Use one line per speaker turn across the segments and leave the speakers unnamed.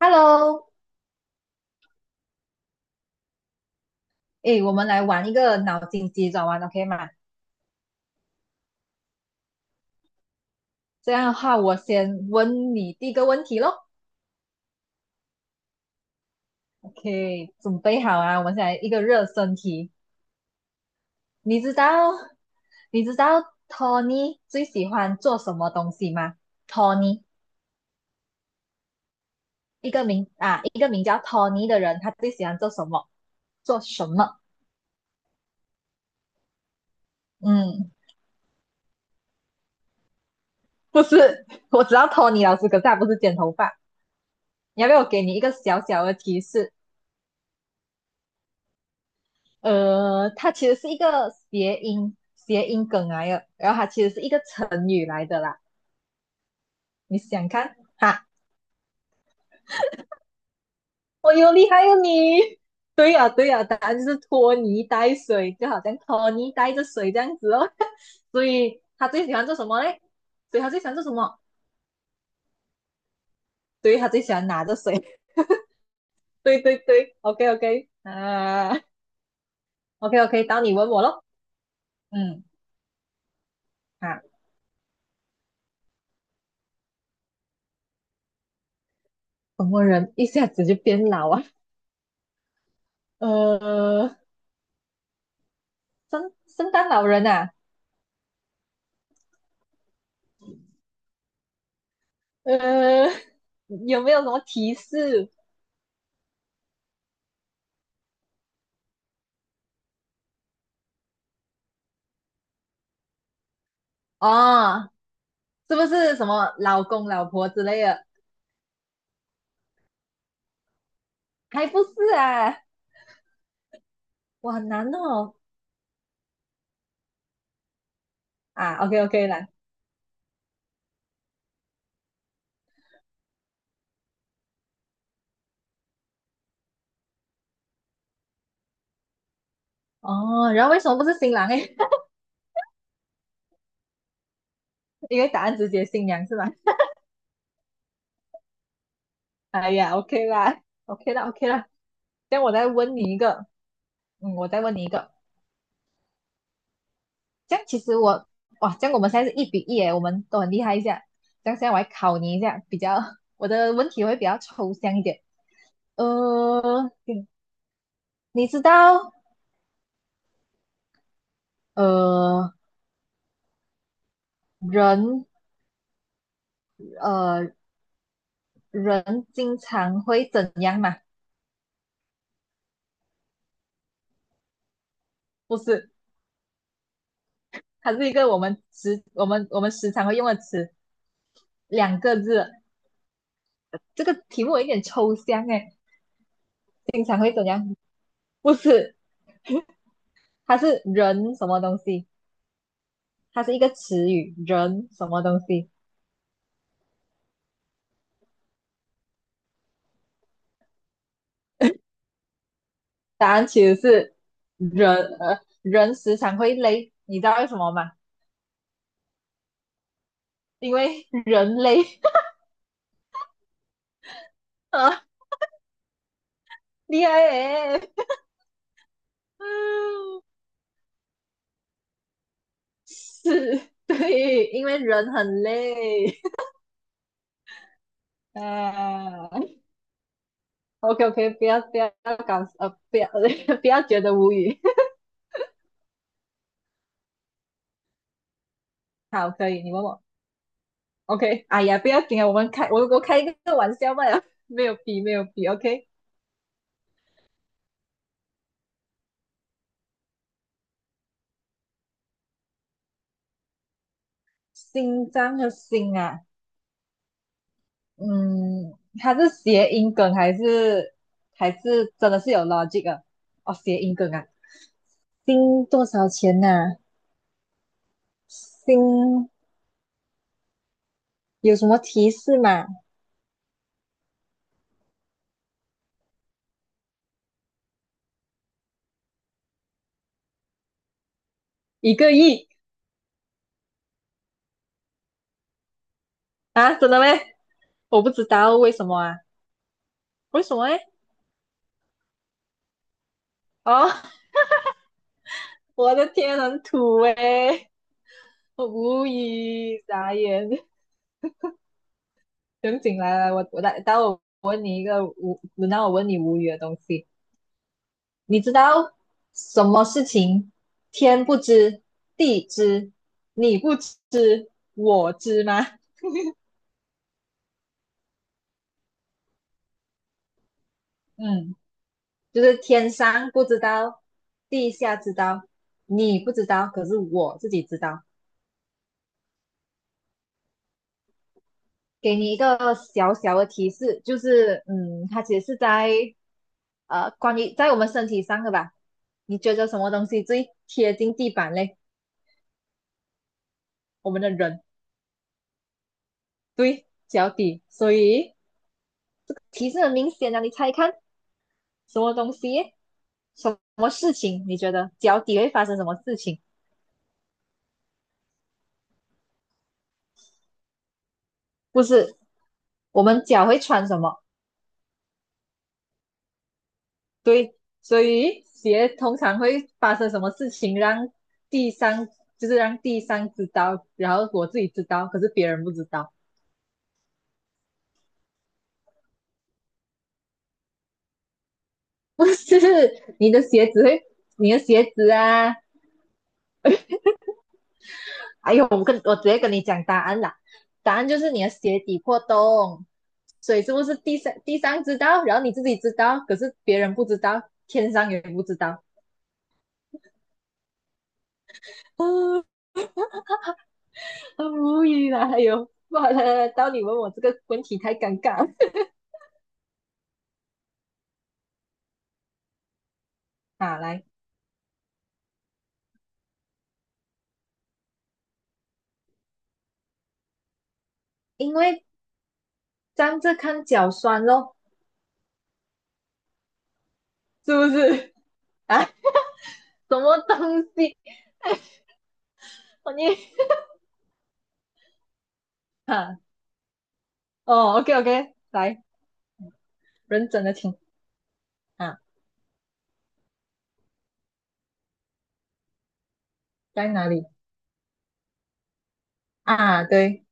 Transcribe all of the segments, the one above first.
Hello，诶，我们来玩一个脑筋急转弯，OK 吗？这样的话，我先问你第一个问题咯。OK，准备好啊？我们先来一个热身题。你知道，你知道， Tony 最喜欢做什么东西吗？Tony，一个名叫 Tony 的人，他最喜欢做什么？做什么？嗯，不是，我知道 Tony 老师，可是他不是剪头发。你要不要我给你一个小小的提示？它其实是一个谐音梗来的，然后它其实是一个成语来的啦。你想看哈？我有厉害哦你！对呀、对呀、答案就是拖泥带水，就好像拖泥带着水这样子哦。所以他最喜欢做什么嘞？所以他最喜欢做什么？对，他最喜欢拿着水。对对对，OK OK，啊，OK OK，到你问我咯。嗯，啊，什么人一下子就变老啊？呃，圣诞老人啊。呃，有没有什么提示？哦，是不是什么老公老婆之类的？还不是啊，我很难哦。啊，OK OK 啦。哦，然后为什么不是新郎诶？因为答案直接新娘是吧？哎呀，OK 啦，OK 啦，OK 啦。这样我再问你一个，嗯，我再问你一个。这样其实我，哇，这样我们现在是1-1诶，我们都很厉害一下。这样现在我来考你一下，我的问题会比较抽象一点。呃，你知道呃人呃人经常会怎样嘛？不是，它是一个我们时常会用的词，两个字。这个题目有一点抽象哎，经常会怎样？不是，它是人什么东西？它是一个词语，人什么东西？答案其实是人时常会累，你知道为什么吗？因为人累。 啊，厉害诶，嗯，是对，因为人很累。呃，OK OK，不要 不要觉得无语。好，可以，你问我。OK，哎呀，不要紧啊，我们开我我开一个玩笑嘛了，没有比。OK，心脏和心啊，嗯，它是谐音梗还是真的是有 logic 的？哦，谐音梗啊，心多少钱呐、啊心有什么提示吗？1个亿啊？真的咩？我不知道为什么啊？为什么诶？哦。我的天，很土诶，我无语，傻眼。等醒来来，我待会我问你一个无，轮到我问你无语的东西。你知道什么事情天不知地知你不知我知吗？嗯，就是天上不知道，地下知道，你不知道，可是我自己知道。给你一个小小的提示，就是它其实是关于在我们身体上的吧？你觉得什么东西最贴近地板嘞？我们的人，对，脚底。所以提示很明显啊，你猜看什么东西，什么事情？你觉得脚底会发生什么事情？不是，我们脚会穿什么？对，所以鞋通常会发生什么事情让第三，就是让第三知道，然后我自己知道，可是别人不知道。不是你的鞋子会，你的鞋子啊，哎呦，我直接跟你讲答案啦，答案就是你的鞋底破洞，所以是不是第三知道，然后你自己知道，可是别人不知道，天上也不知道，啊，很无语啦，哎呦，好了，到你问我这个问题太尴尬了啊，来。因为站着看脚酸咯，是不是？啊，什么东西？我你啊，哦，OK OK，来，认真的听啊，在哪里啊？对，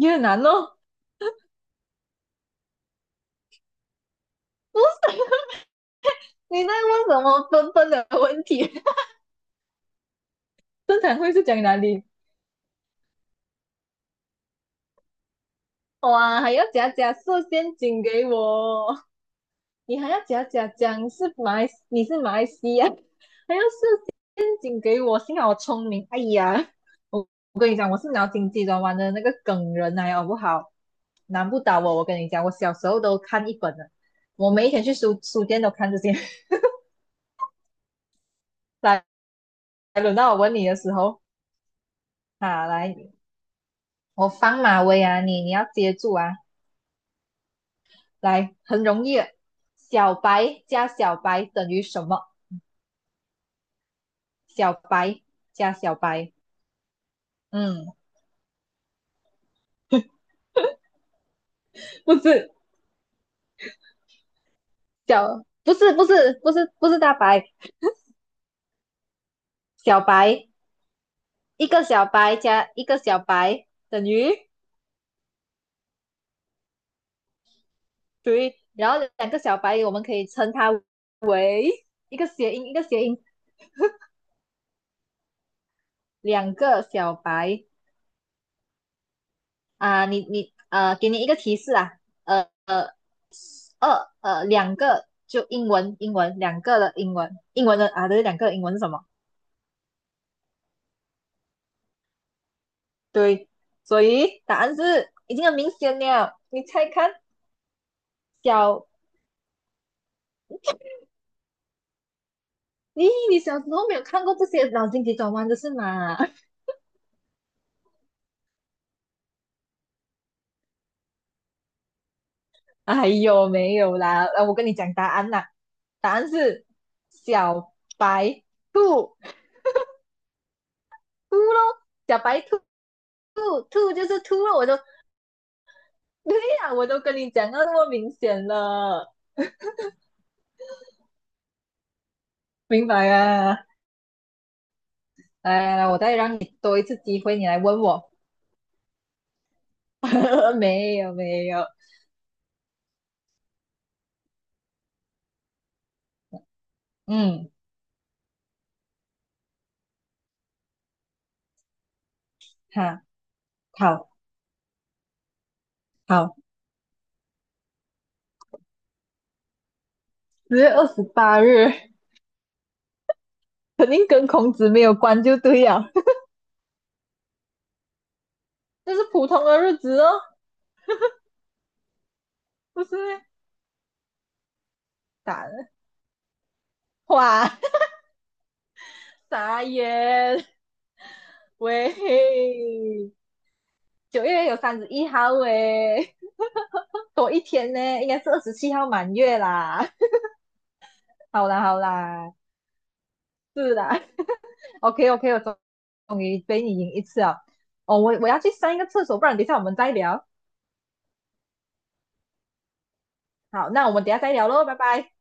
越南咯，不是，你在问什么笨笨的问题？正常会是讲哪里？哇，还要假假设陷阱给我，你还要假假讲是你是马来西亚，还要请给我，幸好我聪明。哎呀，我我跟你讲，我是脑筋急转弯的那个梗人来哦，好不好？难不倒我，我跟你讲，我小时候都看一本的，我每一天去书店都看这些。来，轮到我问你的时候，啊，来，我放马威啊，你要接住啊，来，很容易的小白加小白等于什么？小白加小白，嗯，不是不是不是不是不是大白，小白一个小白加一个小白等于对，然后两个小白我们可以称它为一个谐音，两个小白啊、你，给你一个提示啊，呃呃二呃两个就英文两个的英文的啊，对，两个的英文是什么？对，所以答案是已经很明显了，你猜看小。咦，你小时候没有看过这些脑筋急转弯的是吗？哎呦，没有啦，我跟你讲答案啦，答案是小白兔，兔咯，小白兔，兔兔就是兔咯，对呀、我都跟你讲到那么明显了，明白啊？来来来，我再让你多一次机会，你来问我，没有没有，嗯，好，好好，10月28日肯定跟孔子没有关就对了，这是普通的日子哦，不是咩？打了，哇！傻眼，喂，9月有31号诶，多一天呢，应该是27号满月啦。好啦好啦，是啦，OK OK，我终于被你赢一次了。哦，我要去上一个厕所，不然等一下我们再聊。好，那我们等一下再聊喽，拜拜。